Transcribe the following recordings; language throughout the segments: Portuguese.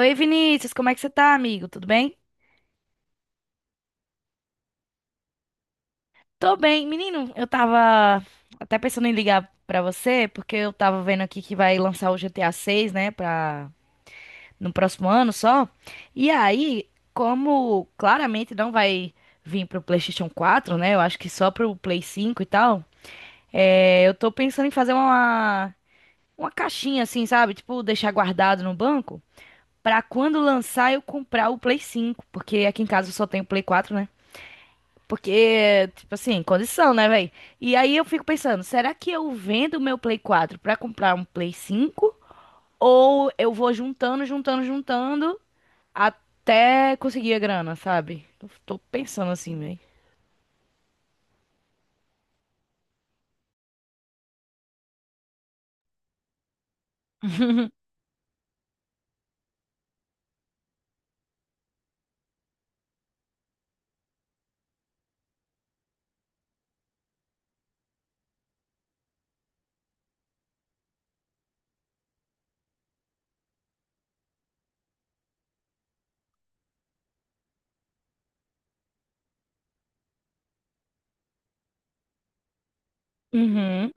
Oi, Vinícius, como é que você tá, amigo? Tudo bem? Tô bem. Menino, eu tava até pensando em ligar pra você, porque eu tava vendo aqui que vai lançar o GTA 6, né, pra... no próximo ano só. E aí, como claramente não vai vir pro PlayStation 4, né, eu acho que só pro Play 5 e tal, eu tô pensando em fazer uma caixinha assim, sabe? Tipo, deixar guardado no banco, pra quando lançar eu comprar o Play 5, porque aqui em casa eu só tenho o Play 4, né? Porque, tipo assim, condição, né, velho? E aí eu fico pensando, será que eu vendo o meu Play 4 pra comprar um Play 5? Ou eu vou juntando, juntando, juntando até conseguir a grana, sabe? Eu tô pensando assim, velho. Uhum.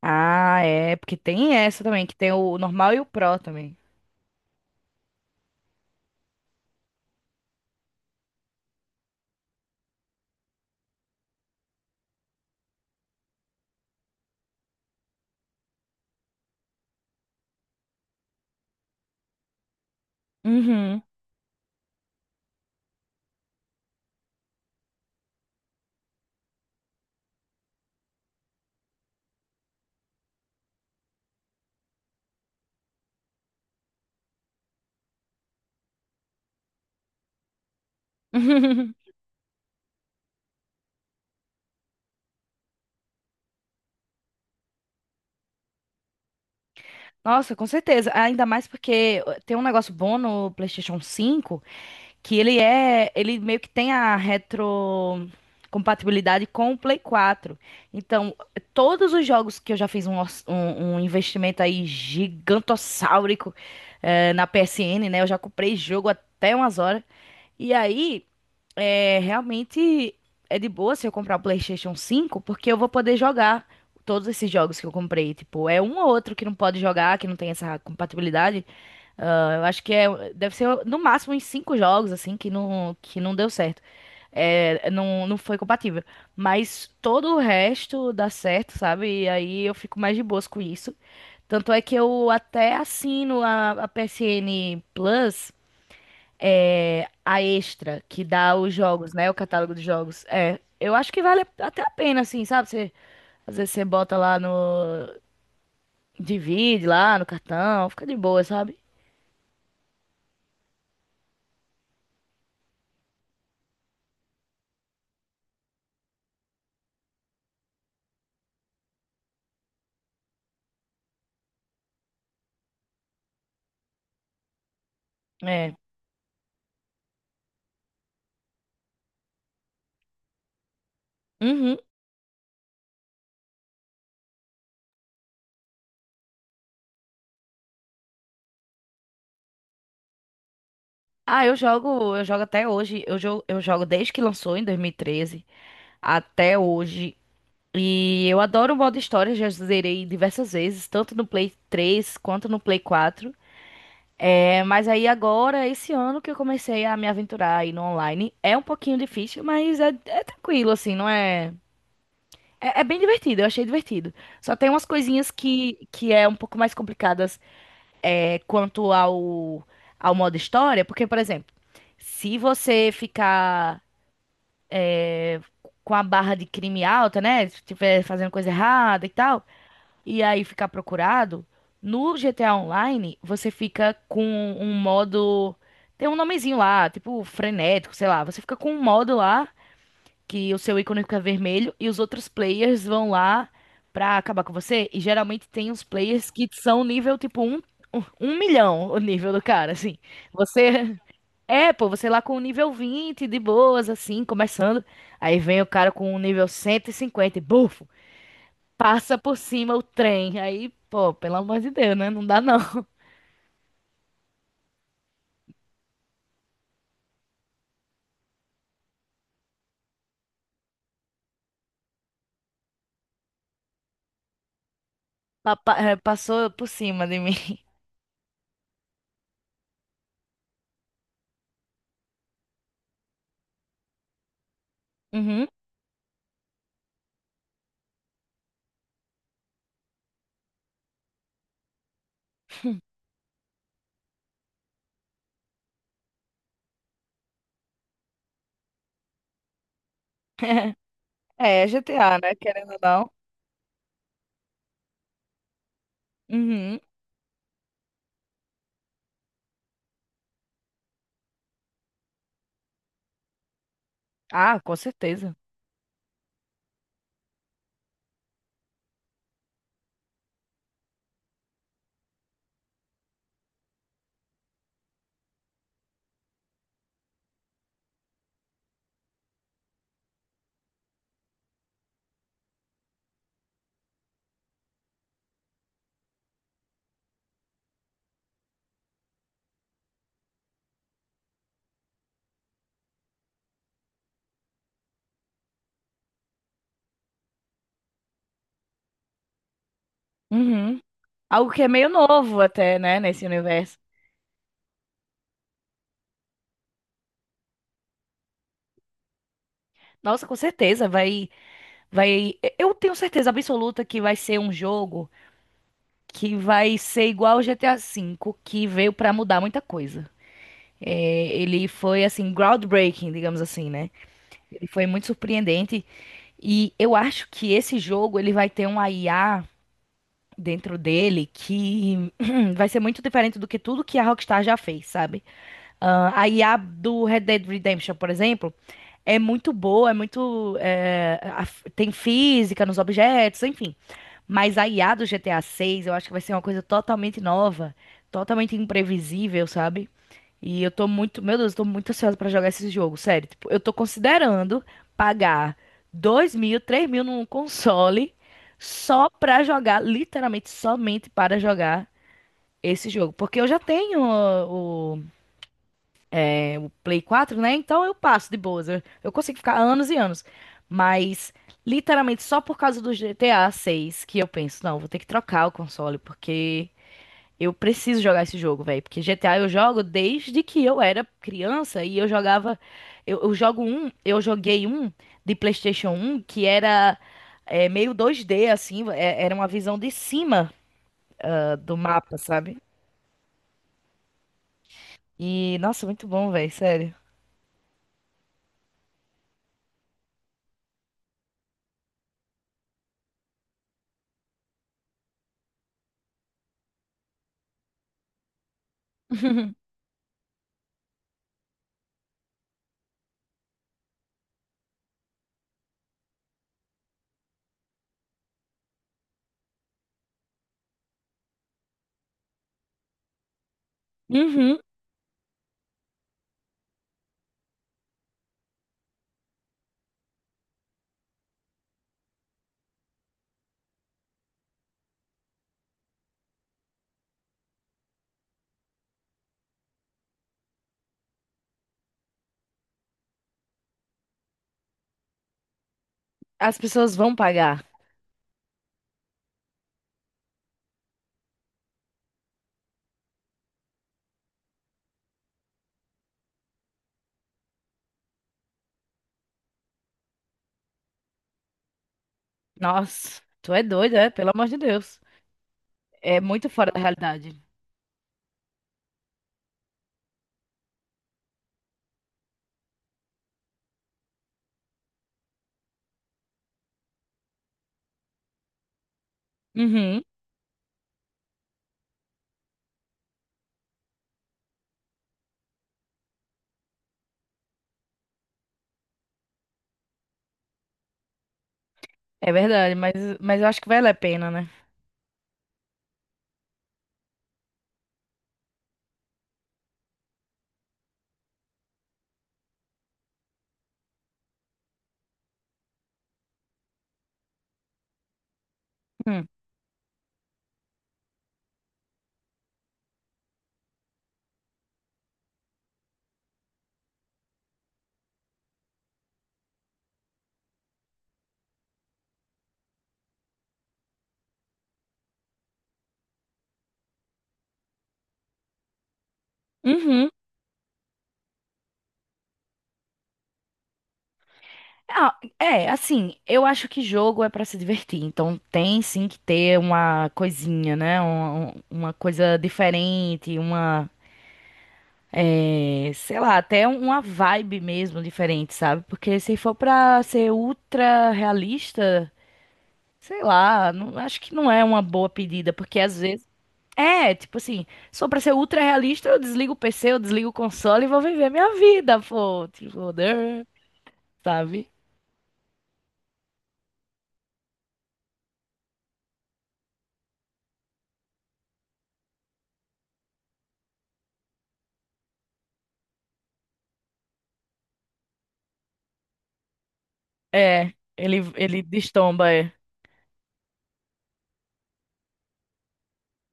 Ah, é, porque tem essa também, que tem o normal e o pro também. Uhum. Nossa, com certeza. Ainda mais porque tem um negócio bom no PlayStation 5, que ele é, ele meio que tem a retrocompatibilidade com o Play 4. Então, todos os jogos que eu já fiz um, um investimento aí gigantossáurico na PSN, né? Eu já comprei jogo até umas horas. E aí, é, realmente é de boa se eu comprar o PlayStation 5, porque eu vou poder jogar todos esses jogos que eu comprei. Tipo, é um ou outro que não pode jogar, que não tem essa compatibilidade, ah, eu acho que é, deve ser no máximo em cinco jogos, assim, que não deu certo. É, não, não foi compatível. Mas todo o resto dá certo, sabe? E aí eu fico mais de boas com isso. Tanto é que eu até assino a PSN Plus, é, a extra, que dá os jogos, né? O catálogo de jogos. É, eu acho que vale até a pena, assim, sabe? Você, às vezes você bota lá no. Divide lá no cartão, fica de boa, sabe? É. Uhum. Ah, eu jogo até hoje. Eu jogo desde que lançou em 2013 até hoje. E eu adoro o modo história, já zerei diversas vezes, tanto no Play 3 quanto no Play 4. É, mas aí agora, esse ano que eu comecei a me aventurar aí no online, é um pouquinho difícil, mas é, é tranquilo, assim, não é, é. É bem divertido, eu achei divertido. Só tem umas coisinhas que é um pouco mais complicadas é, quanto ao modo história, porque, por exemplo, se você ficar com a barra de crime alta, né? Se estiver fazendo coisa errada e tal, e aí ficar procurado, no GTA Online você fica com um modo. Tem um nomezinho lá, tipo frenético, sei lá. Você fica com um modo lá que o seu ícone fica vermelho e os outros players vão lá pra acabar com você. E geralmente tem uns players que são nível tipo um, um milhão o nível do cara, assim. Você é, pô, você lá com o nível 20 de boas, assim, começando. Aí vem o cara com o nível cento e, cinquenta e bufo, passa por cima o trem. Aí, pô, pelo amor de Deus, né? Não dá não. Passou por cima de mim. Uhum. É, GTA, né? Querendo ou não. Uhum. Ah, com certeza. Uhum. Algo que é meio novo até, né, nesse universo. Nossa, com certeza vai eu tenho certeza absoluta que vai ser um jogo que vai ser igual o GTA V, que veio pra mudar muita coisa. É, ele foi assim groundbreaking, digamos assim, né? Ele foi muito surpreendente e eu acho que esse jogo ele vai ter um IA dentro dele que vai ser muito diferente do que tudo que a Rockstar já fez, sabe? Ah, a IA do Red Dead Redemption, por exemplo, é muito boa, é muito. É, a- tem física nos objetos, enfim. Mas a IA do GTA 6, eu acho que vai ser uma coisa totalmente nova, totalmente imprevisível, sabe? E eu tô muito, meu Deus, eu tô muito ansiosa pra jogar esse jogo, sério. Tipo, eu tô considerando pagar 2 mil, 3 mil num console só pra jogar, literalmente somente para jogar esse jogo. Porque eu já tenho Play 4, né? Então eu passo de boas. Eu consigo ficar anos e anos. Mas, literalmente, só por causa do GTA seis que eu penso, não, vou ter que trocar o console, porque eu preciso jogar esse jogo, velho. Porque GTA eu jogo desde que eu era criança e eu jogava. Eu jogo um, eu joguei um de PlayStation um que era é, meio dois d assim, era uma visão de cima ah, do mapa, sabe? E, nossa, muito bom, velho, sério. Uhum. As pessoas vão pagar. Nossa, tu é doido, é? Pelo amor de Deus. É muito fora da realidade. Uhum, é verdade, mas eu acho que vale a pena, né? Hum. Uhum. Ah, é, assim, eu acho que jogo é pra se divertir, então tem sim que ter uma coisinha, né? Uma coisa diferente, uma, é, sei lá, até uma vibe mesmo diferente, sabe? Porque se for pra ser ultra realista, sei lá, não, acho que não é uma boa pedida, porque às vezes É, tipo assim, só pra ser ultra realista, eu desligo o PC, eu desligo o console e vou viver minha vida, pô. Tipo, né, sabe? É, ele destomba, é.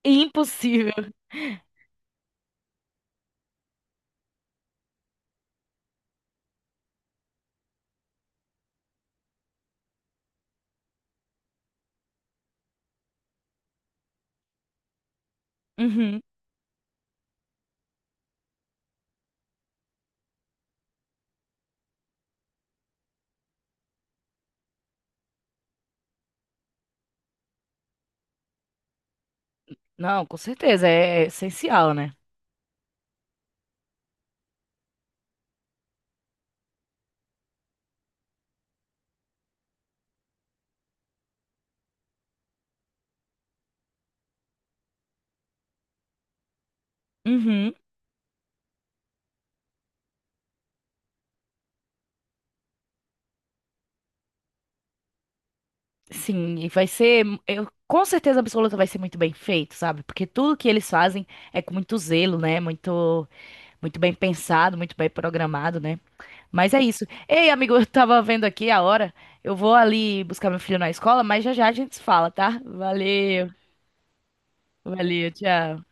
Impossível. Uhum. Não, com certeza, é é essencial, né? Uhum. Sim, e vai ser, eu, com certeza absoluta vai ser muito bem feito, sabe? Porque tudo que eles fazem é com muito zelo, né? Muito, muito bem pensado, muito bem programado, né? Mas é isso. Ei, amigo, eu tava vendo aqui a hora. Eu vou ali buscar meu filho na escola, mas já já a gente se fala, tá? Valeu, valeu, tchau.